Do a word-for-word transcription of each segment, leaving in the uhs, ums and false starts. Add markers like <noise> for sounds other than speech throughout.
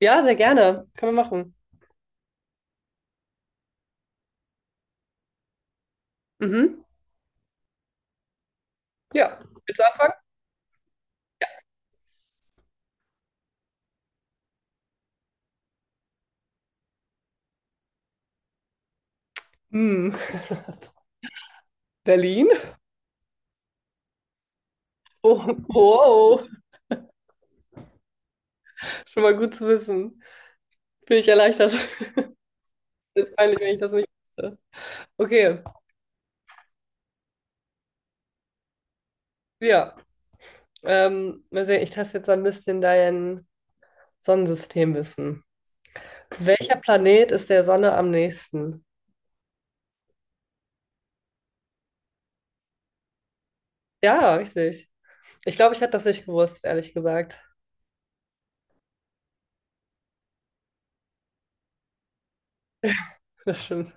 Ja, sehr gerne. Können wir machen. Mhm. Ja. Willst du anfangen? Hm. <laughs> Berlin? Oh, wow. Schon mal gut zu wissen. Bin ich erleichtert. Ist peinlich, wenn ich das nicht wusste. Okay. Ja. Ähm, mal sehen, ich teste jetzt so ein bisschen dein Sonnensystemwissen. Welcher Planet ist der Sonne am nächsten? Ja, richtig. Ich glaube, ich hätte das nicht gewusst, ehrlich gesagt. <laughs> Das stimmt.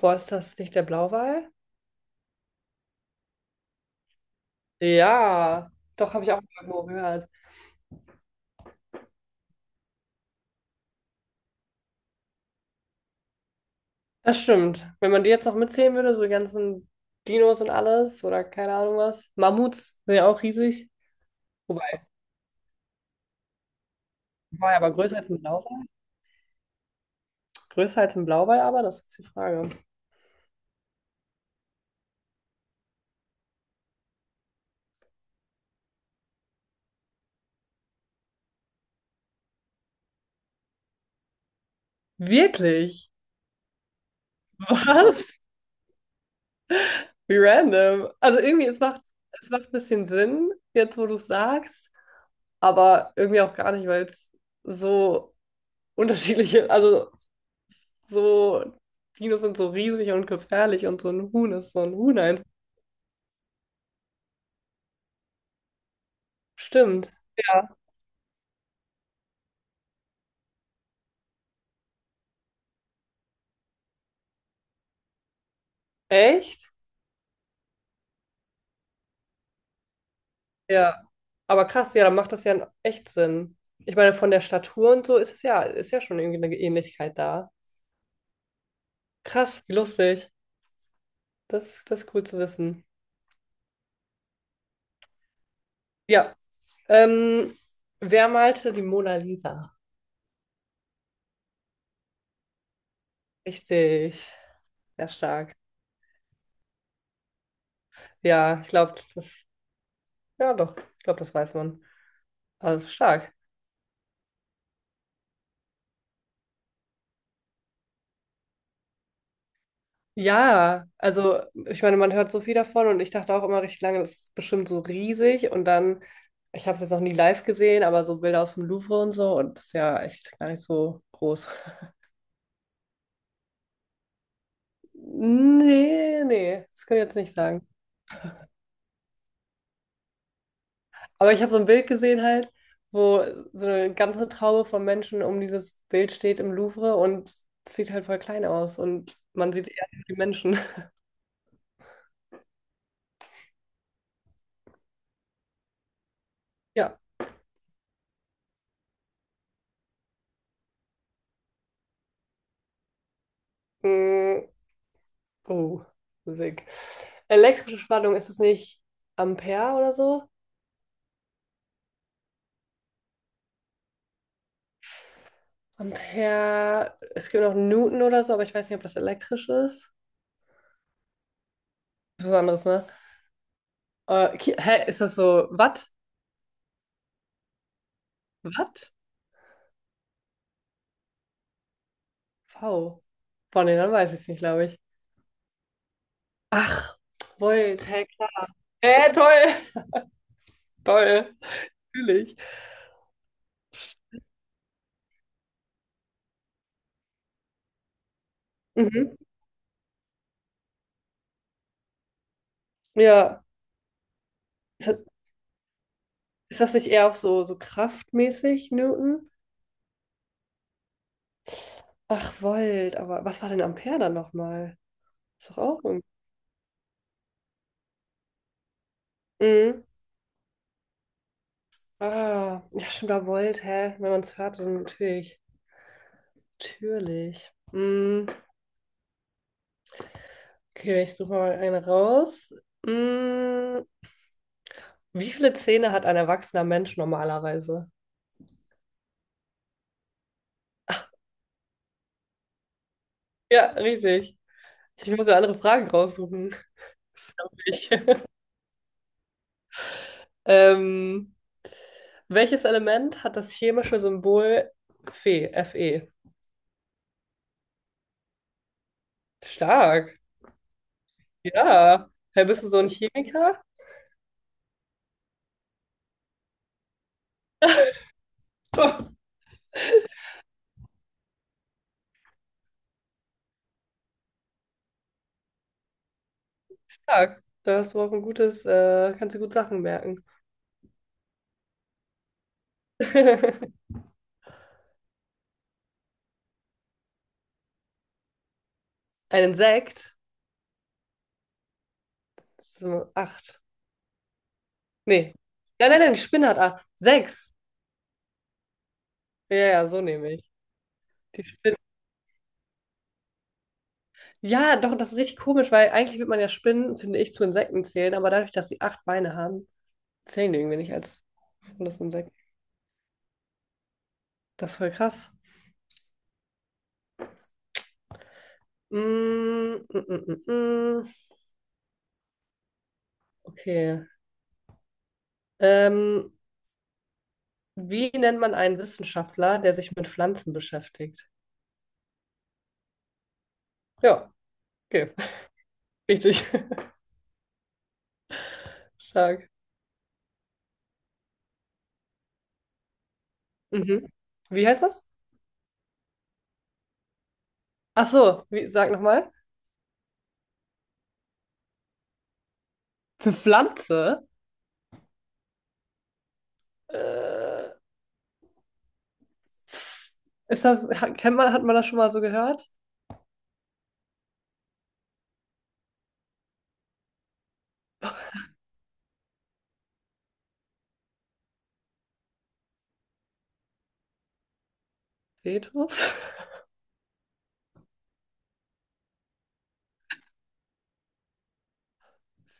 Boah, ist das nicht der Blauwal? Ja, doch, habe ich auch mal irgendwo gehört. Das stimmt. Wenn man die jetzt noch mitzählen würde, so die ganzen Dinos und alles oder keine Ahnung was. Mammuts sind ja auch riesig. Wobei, war ja aber größer als ein Blauwal. Größer als ein Blauwal, aber das ist die Frage. Wirklich? Was? Wie random. Also irgendwie, es macht, es macht ein bisschen Sinn, jetzt wo du es sagst, aber irgendwie auch gar nicht, weil es so unterschiedliche, also so, Dinos sind so riesig und gefährlich und so ein Huhn ist so ein Huhn einfach. Stimmt. Ja. Echt? Ja, aber krass, ja, dann macht das ja echt Sinn. Ich meine, von der Statur und so ist es ja, ist ja schon irgendwie eine Ähnlichkeit da. Krass, wie lustig. Das, das ist cool zu wissen. Ja, ähm, wer malte die Mona Lisa? Richtig, sehr stark. Ja, ich glaube, das, ja doch, ich glaube, das weiß man. Also stark. Ja, also ich meine, man hört so viel davon und ich dachte auch immer richtig lange, das ist bestimmt so riesig und dann, ich habe es jetzt noch nie live gesehen, aber so Bilder aus dem Louvre und so und das ist ja echt gar nicht so groß. <laughs> Nee, nee, das kann ich jetzt nicht sagen. Aber ich habe so ein Bild gesehen halt, wo so eine ganze Traube von Menschen um dieses Bild steht im Louvre und es sieht halt voll klein aus und man sieht eher die Menschen. <laughs> Ja. Mm, Oh, Musik. Elektrische Spannung, ist es nicht Ampere oder so? Ampere, es gibt noch Newton oder so, aber ich weiß nicht, ob das elektrisch ist. Das ist was anderes, ne? Äh, Ki- hä, ist das so Watt? Watt? V. Von denen, dann weiß ich es nicht, glaube ich. Ach, Volt, hä, klar. Hä, toll. <laughs> Toll. Natürlich. Mhm. Ja. Ist das ist das nicht eher auch so, so kraftmäßig, Newton? Ach, Volt, aber was war denn Ampere dann nochmal? Ist doch auch irgendwie. Mhm. Ah, ja, stimmt, da wollt, hä? Wenn man es hört, dann natürlich. Natürlich. Mm, okay, ich suche mal eine raus. Mm, wie viele Zähne hat ein erwachsener Mensch normalerweise? Ja, richtig. Ich muss ja andere Fragen raussuchen. Das glaub ich. <laughs> Ähm, welches Element hat das chemische Symbol F E? F E. Stark. Ja. Hey, bist du so ein Chemiker? Oh, stark. Da hast du auch ein gutes, äh, kannst du gut Sachen merken. <laughs> Ein Insekt? Das ist nur acht. Nee. Nein, nein, nein, die Spinne hat acht. Sechs. Ja, ja, so nehme ich. Die Spinne. Ja, doch, das ist richtig komisch, weil eigentlich wird man ja Spinnen, finde ich, zu Insekten zählen, aber dadurch, dass sie acht Beine haben, zählen die irgendwie nicht als das Insekt. Das ist voll krass. Mm, mm, mm, mm, mm. Okay. Ähm, wie nennt man einen Wissenschaftler, der sich mit Pflanzen beschäftigt? Ja, okay. <laughs> Richtig. <laughs> Stark. Mhm. Wie heißt das? Ach so, wie, sag nochmal. Für Pflanze? Äh, ist das, hat, kennt man, hat man das schon mal so gehört? Petrus?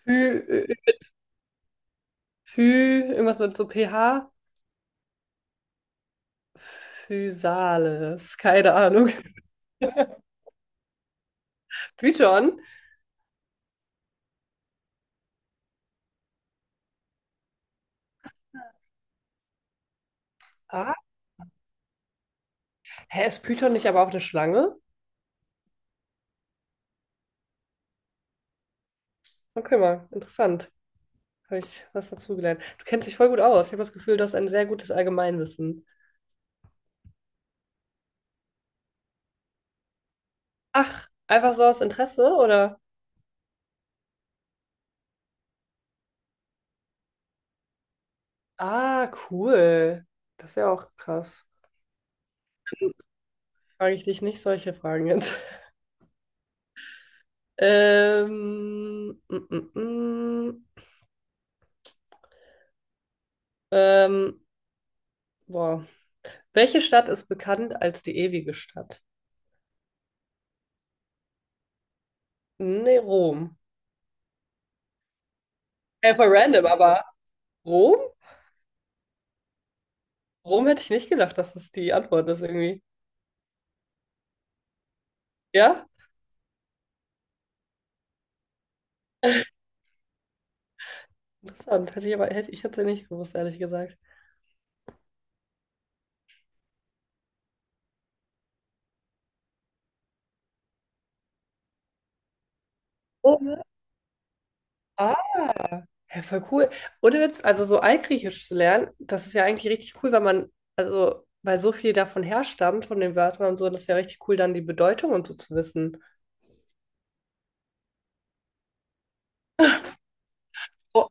Phy, äh, Phy, irgendwas mit so pH? Physales, keine Ahnung. <laughs> Python? Ah, hä, ist Python nicht aber auch eine Schlange? Okay, mal, interessant. Habe ich was dazugelernt. Du kennst dich voll gut aus. Ich habe das Gefühl, du hast ein sehr gutes Allgemeinwissen. Ach, einfach so aus Interesse, oder? Ah, cool. Das ist ja auch krass. Frage ich dich nicht solche Fragen jetzt. Ähm, mm, mm, mm. ähm, boah. Welche Stadt ist bekannt als die ewige Stadt? Nee, Rom. Hey, voll random, aber Rom? Rom hätte ich nicht gedacht, dass das die Antwort ist irgendwie. Ja? Interessant. Hätte ich aber, hätte, ich hätte es nicht gewusst, ehrlich gesagt. Rom. Ah, ja, voll cool. Ohne Witz, also so Altgriechisch zu lernen, das ist ja eigentlich richtig cool, weil man, also, weil so viel davon herstammt, von den Wörtern und so, das ist ja richtig cool, dann die Bedeutung und so zu wissen. Boah,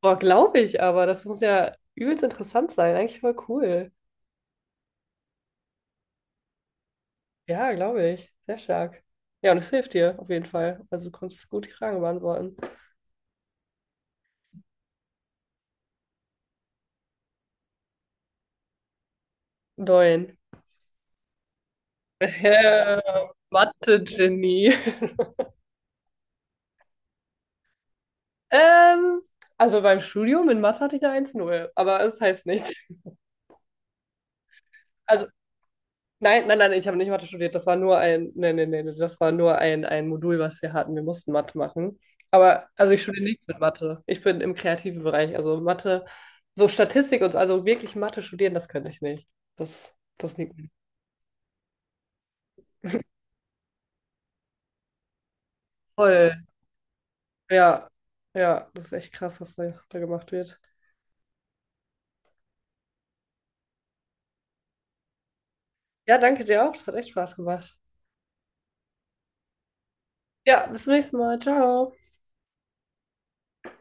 boah glaube ich aber. Das muss ja übelst interessant sein. Eigentlich voll cool. Ja, glaube ich. Sehr stark. Ja, und es hilft dir auf jeden Fall. Also du konntest gut die Frage beantworten. Neun. <laughs> Äh, Mathe-Genie. Ähm, also beim Studium in Mathe hatte ich eine eins null, aber es heißt nichts. Also nein, nein, nein, ich habe nicht Mathe studiert. Das war nur ein, nein, nein, nein, das war nur ein, ein, Modul, was wir hatten. Wir mussten Mathe machen. Aber also ich studiere nichts mit Mathe. Ich bin im kreativen Bereich. Also Mathe, so Statistik und so, also wirklich Mathe studieren, das könnte ich nicht. Das, das liegt mir voll. Ja, ja, das ist echt krass, was da, da gemacht wird. Ja, danke dir auch. Das hat echt Spaß gemacht. Ja, bis zum nächsten Mal. Ciao.